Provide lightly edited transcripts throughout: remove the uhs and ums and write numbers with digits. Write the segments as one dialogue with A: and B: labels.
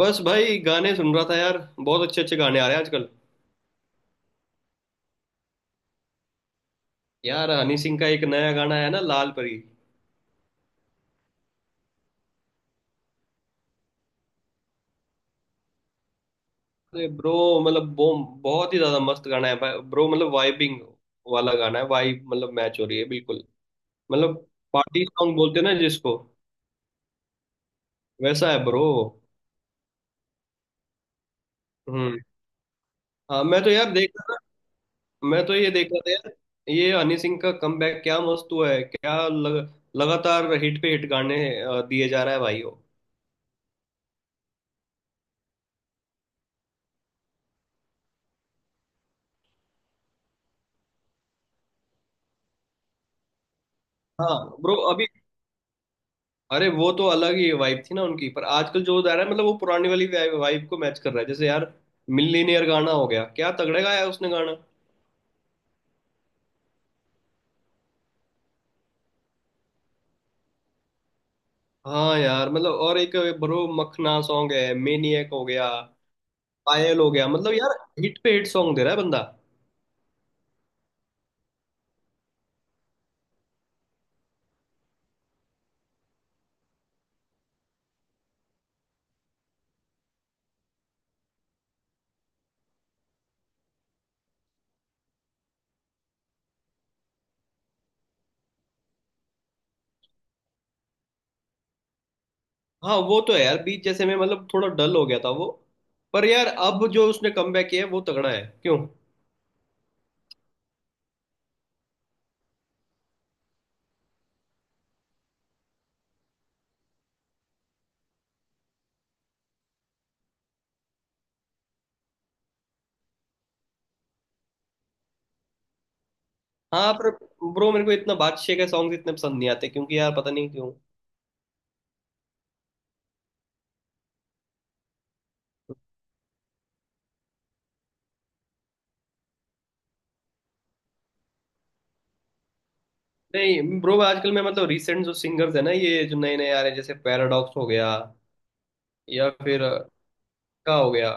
A: बस भाई, गाने सुन रहा था यार। बहुत अच्छे अच्छे गाने आ रहे हैं आजकल। यार, हनी सिंह का एक नया गाना आया ना, लाल परी। अरे ब्रो, मतलब बो बहुत ही ज्यादा मस्त गाना है भाई ब्रो। मतलब वाइबिंग वाला गाना है। वाइब मतलब मैच हो रही है बिल्कुल। मतलब पार्टी सॉन्ग बोलते हैं ना जिसको, वैसा है ब्रो। हम्म। हाँ, मैं तो यार देख रहा था। मैं तो ये देख रहा था यार, ये हनी सिंह का कमबैक क्या मस्त हुआ है, क्या लगातार हिट पे हिट गाने दिए जा रहा है भाई वो। हाँ ब्रो अभी। अरे वो तो अलग ही वाइब थी ना उनकी, पर आजकल जो जा रहा है मतलब वो पुरानी वाली वाइब को मैच कर रहा है जैसे यार। मिलीनियर गाना हो गया, क्या तगड़े गाया उसने गाना। हाँ यार मतलब, और एक ब्रो मखना सॉन्ग है, मेनियक हो गया, पायल हो गया, मतलब यार हिट पे हिट सॉन्ग दे रहा है बंदा। हाँ वो तो है यार, बीच जैसे में मतलब थोड़ा डल हो गया था वो, पर यार अब जो उसने कमबैक किया है वो तगड़ा है क्यों। हाँ पर ब्रो, मेरे को इतना बादशाह के सॉन्ग इतने पसंद नहीं आते क्योंकि यार पता नहीं क्यों। नहीं ब्रो, आजकल मैं मतलब रिसेंट जो सिंगर्स है ना, ये जो नए नए आ रहे हैं, जैसे पैराडॉक्स हो गया, या फिर का हो गया।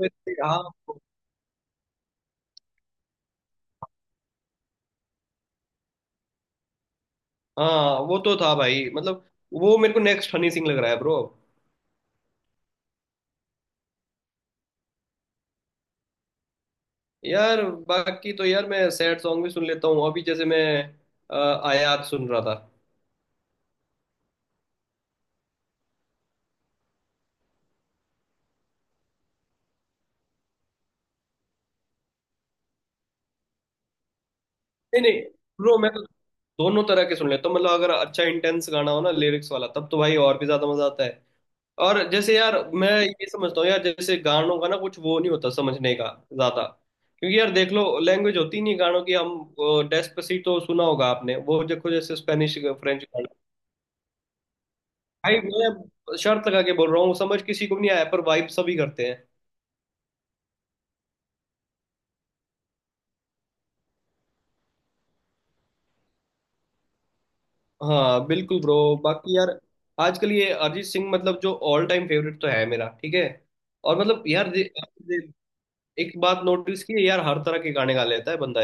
A: वैसे हाँ। हाँ वो तो था भाई मतलब, वो मेरे को नेक्स्ट हनी सिंह लग रहा है ब्रो। यार बाकी तो यार मैं सैड सॉन्ग भी सुन लेता हूँ, अभी जैसे मैं आयात सुन रहा था। नहीं नहीं ब्रो, मैं तो दोनों तरह के सुन लेता हूँ मतलब, अगर अच्छा इंटेंस गाना हो ना लिरिक्स वाला तब तो भाई और भी ज्यादा मजा आता है। और जैसे यार मैं ये समझता हूँ यार, जैसे गानों का ना कुछ वो नहीं होता समझने का ज्यादा, क्योंकि यार देख लो, लैंग्वेज होती नहीं गानों की। हम डेस्पेसितो सुना होगा आपने, वो देखो जैसे स्पेनिश फ्रेंच गाना। भाई मैं शर्त लगा के बोल रहा हूँ, समझ किसी को भी नहीं आया पर वाइब सभी करते हैं। हाँ बिल्कुल ब्रो। बाकी यार, आजकल ये अरिजीत सिंह मतलब जो ऑल टाइम फेवरेट तो है मेरा, ठीक है। और मतलब यार दे, दे, एक बात नोटिस की है, यार हर तरह के गाने गा लेता है बंदा।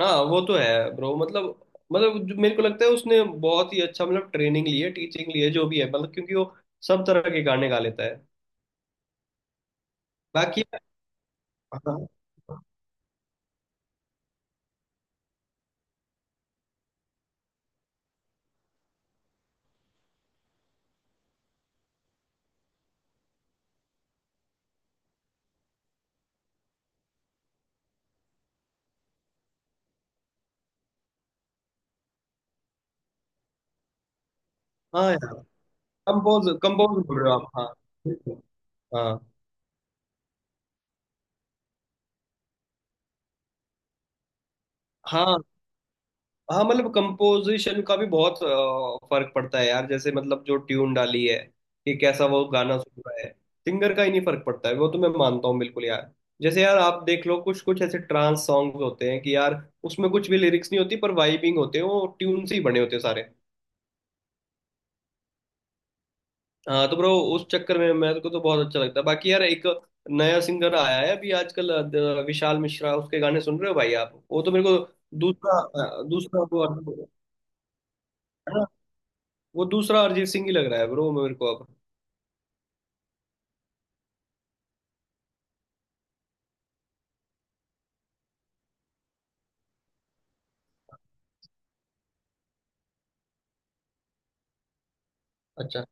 A: हाँ वो तो है ब्रो मतलब जो मेरे को लगता है उसने बहुत ही अच्छा मतलब ट्रेनिंग ली है, टीचिंग ली है, जो भी है मतलब, क्योंकि वो सब तरह के गाने गा लेता है। बाकी। हाँ हाँ यार, कंपोज कंपोज बोल रहे हो आप? हाँ हाँ। हाँ। हाँ मतलब कंपोजिशन का भी बहुत फर्क पड़ता है यार, जैसे मतलब जो ट्यून डाली है कि कैसा वो गाना सुन रहा है। सिंगर का ही नहीं फर्क पड़ता है वो तो, मैं मानता हूँ बिल्कुल यार। जैसे यार आप देख लो, कुछ कुछ ऐसे ट्रांस सॉन्ग होते हैं कि यार उसमें कुछ भी लिरिक्स नहीं होती पर वाइबिंग होते हैं, वो ट्यून से ही बने होते हैं सारे। हाँ तो ब्रो, उस चक्कर में मेरे को तो बहुत अच्छा लगता है। बाकी यार, एक नया सिंगर आया है अभी आजकल, विशाल मिश्रा, उसके गाने सुन रहे हो भाई आप? वो तो मेरे को दूसरा, अ, दूसरा वो है ना, वो दूसरा अरिजीत सिंह ही लग रहा है ब्रो मेरे को अब। अच्छा।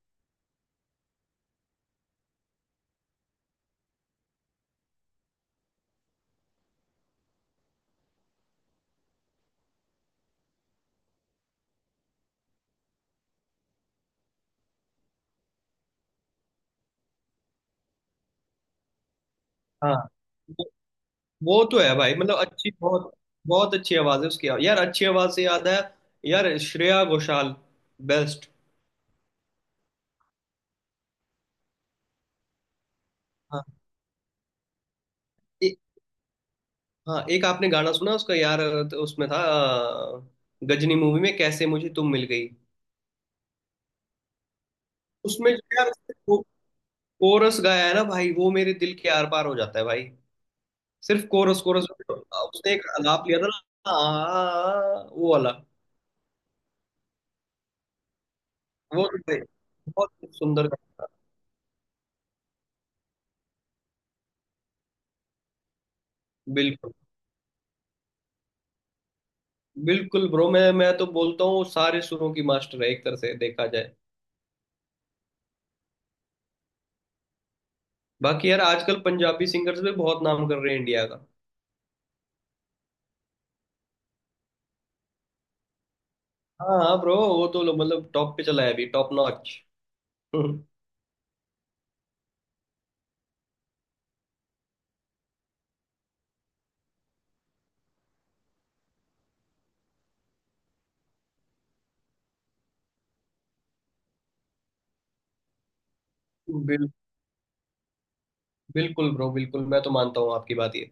A: हाँ वो वो तो है भाई मतलब, अच्छी बहुत बहुत अच्छी आवाज है उसकी यार। अच्छी आवाज से याद है, यार श्रेया घोषाल बेस्ट। हाँ। ए-। हाँ एक आपने गाना सुना उसका यार, तो उसमें था गजनी मूवी में, कैसे मुझे तुम मिल गई। उसमें जो यार कोरस गाया है ना भाई, वो मेरे दिल के आर पार हो जाता है भाई। सिर्फ कोरस, कोरस उसने एक आलाप लिया था ना, वो वाला। वो तो भाई बहुत सुंदर। बिल्कुल, बिल्कुल ब्रो, मैं तो बोलता हूँ सारे सुरों की मास्टर है एक तरह से देखा जाए। बाकी यार आजकल पंजाबी सिंगर्स भी बहुत नाम कर रहे हैं इंडिया का। हाँ हाँ ब्रो, वो तो मतलब टॉप पे चला है अभी, टॉप नॉच। बिल, बिल्कुल ब्रो बिल्कुल, मैं तो मानता हूँ आपकी बात ये।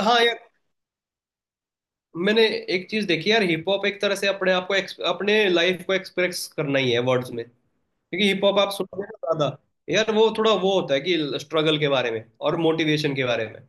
A: हाँ यार, मैंने एक चीज देखी यार, हिप हॉप एक तरह से अपने आप को अपने लाइफ को एक्सप्रेस करना ही है वर्ड्स में, क्योंकि हिप हॉप आप सुनोगे ना ज्यादा, यार वो थोड़ा वो होता है कि स्ट्रगल के बारे में और मोटिवेशन के बारे में।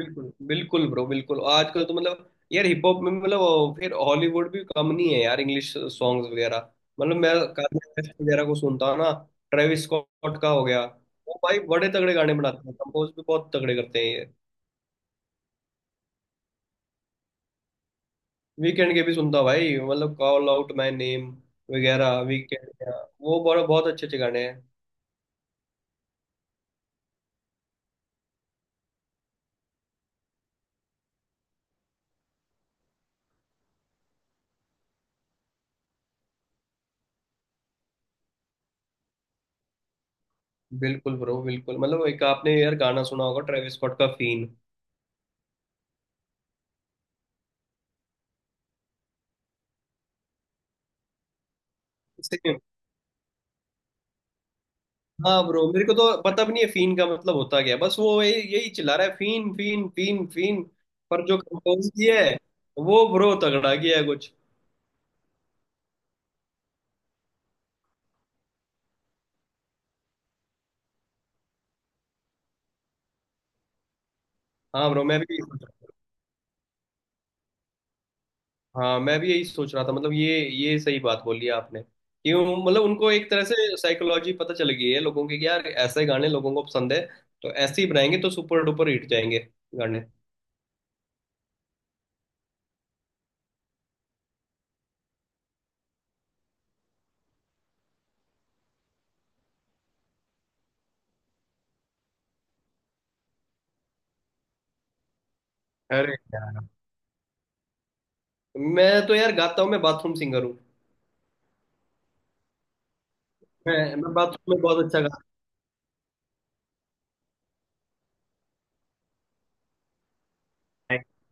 A: बिल्कुल बिल्कुल ब्रो बिल्कुल, आजकल तो मतलब यार हिप हॉप में मतलब फिर हॉलीवुड भी कम नहीं है यार, इंग्लिश सॉन्ग्स वगैरह। मतलब मैं कान्ये वेस्ट वगैरह को सुनता हूँ ना, ट्रेविस स्कॉट का हो गया। वो भाई बड़े तगड़े गाने बनाते हैं, कंपोज भी बहुत तगड़े करते हैं ये। वीकेंड के भी सुनता हूँ भाई, मतलब कॉल आउट माय नेम वगैरह वीकेंड, वो बड़ा बहुत अच्छे अच्छे गाने हैं। बिल्कुल ब्रो बिल्कुल, मतलब एक आपने यार गाना सुना होगा ट्रेविस स्कॉट का, फीन। हाँ ब्रो, मेरे को तो पता भी नहीं है फीन का मतलब होता क्या है। बस वो यही यही चिल्ला रहा है, फीन फीन फीन फीन। पर जो कंपोज किया है वो ब्रो तगड़ा किया है कुछ। हाँ ब्रो मैं भी यही सोच रहा। हाँ मैं भी यही सोच रहा था मतलब, ये सही बात बोली आपने, क्यों मतलब उनको एक तरह से साइकोलॉजी पता चल गई है लोगों की कि यार ऐसे गाने लोगों को पसंद है, तो ऐसे ही बनाएंगे तो सुपर डुपर हिट जाएंगे गाने। अरे यार, मैं तो यार गाता हूँ, मैं बाथरूम सिंगर हूँ। मैं मैं बाथरूम में बहुत अच्छा।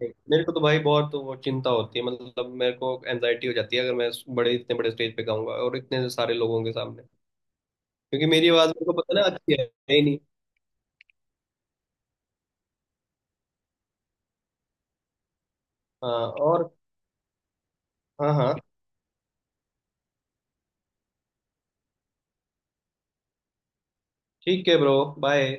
A: मेरे को तो भाई बहुत वो चिंता होती है, मतलब मेरे को एनजाइटी हो जाती है अगर मैं बड़े, इतने बड़े स्टेज पे गाऊंगा और इतने सारे लोगों के सामने, क्योंकि मेरी आवाज मेरे को पता ना अच्छी है ही नहीं। हाँ। और। हाँ हाँ। ठीक है ब्रो, बाय।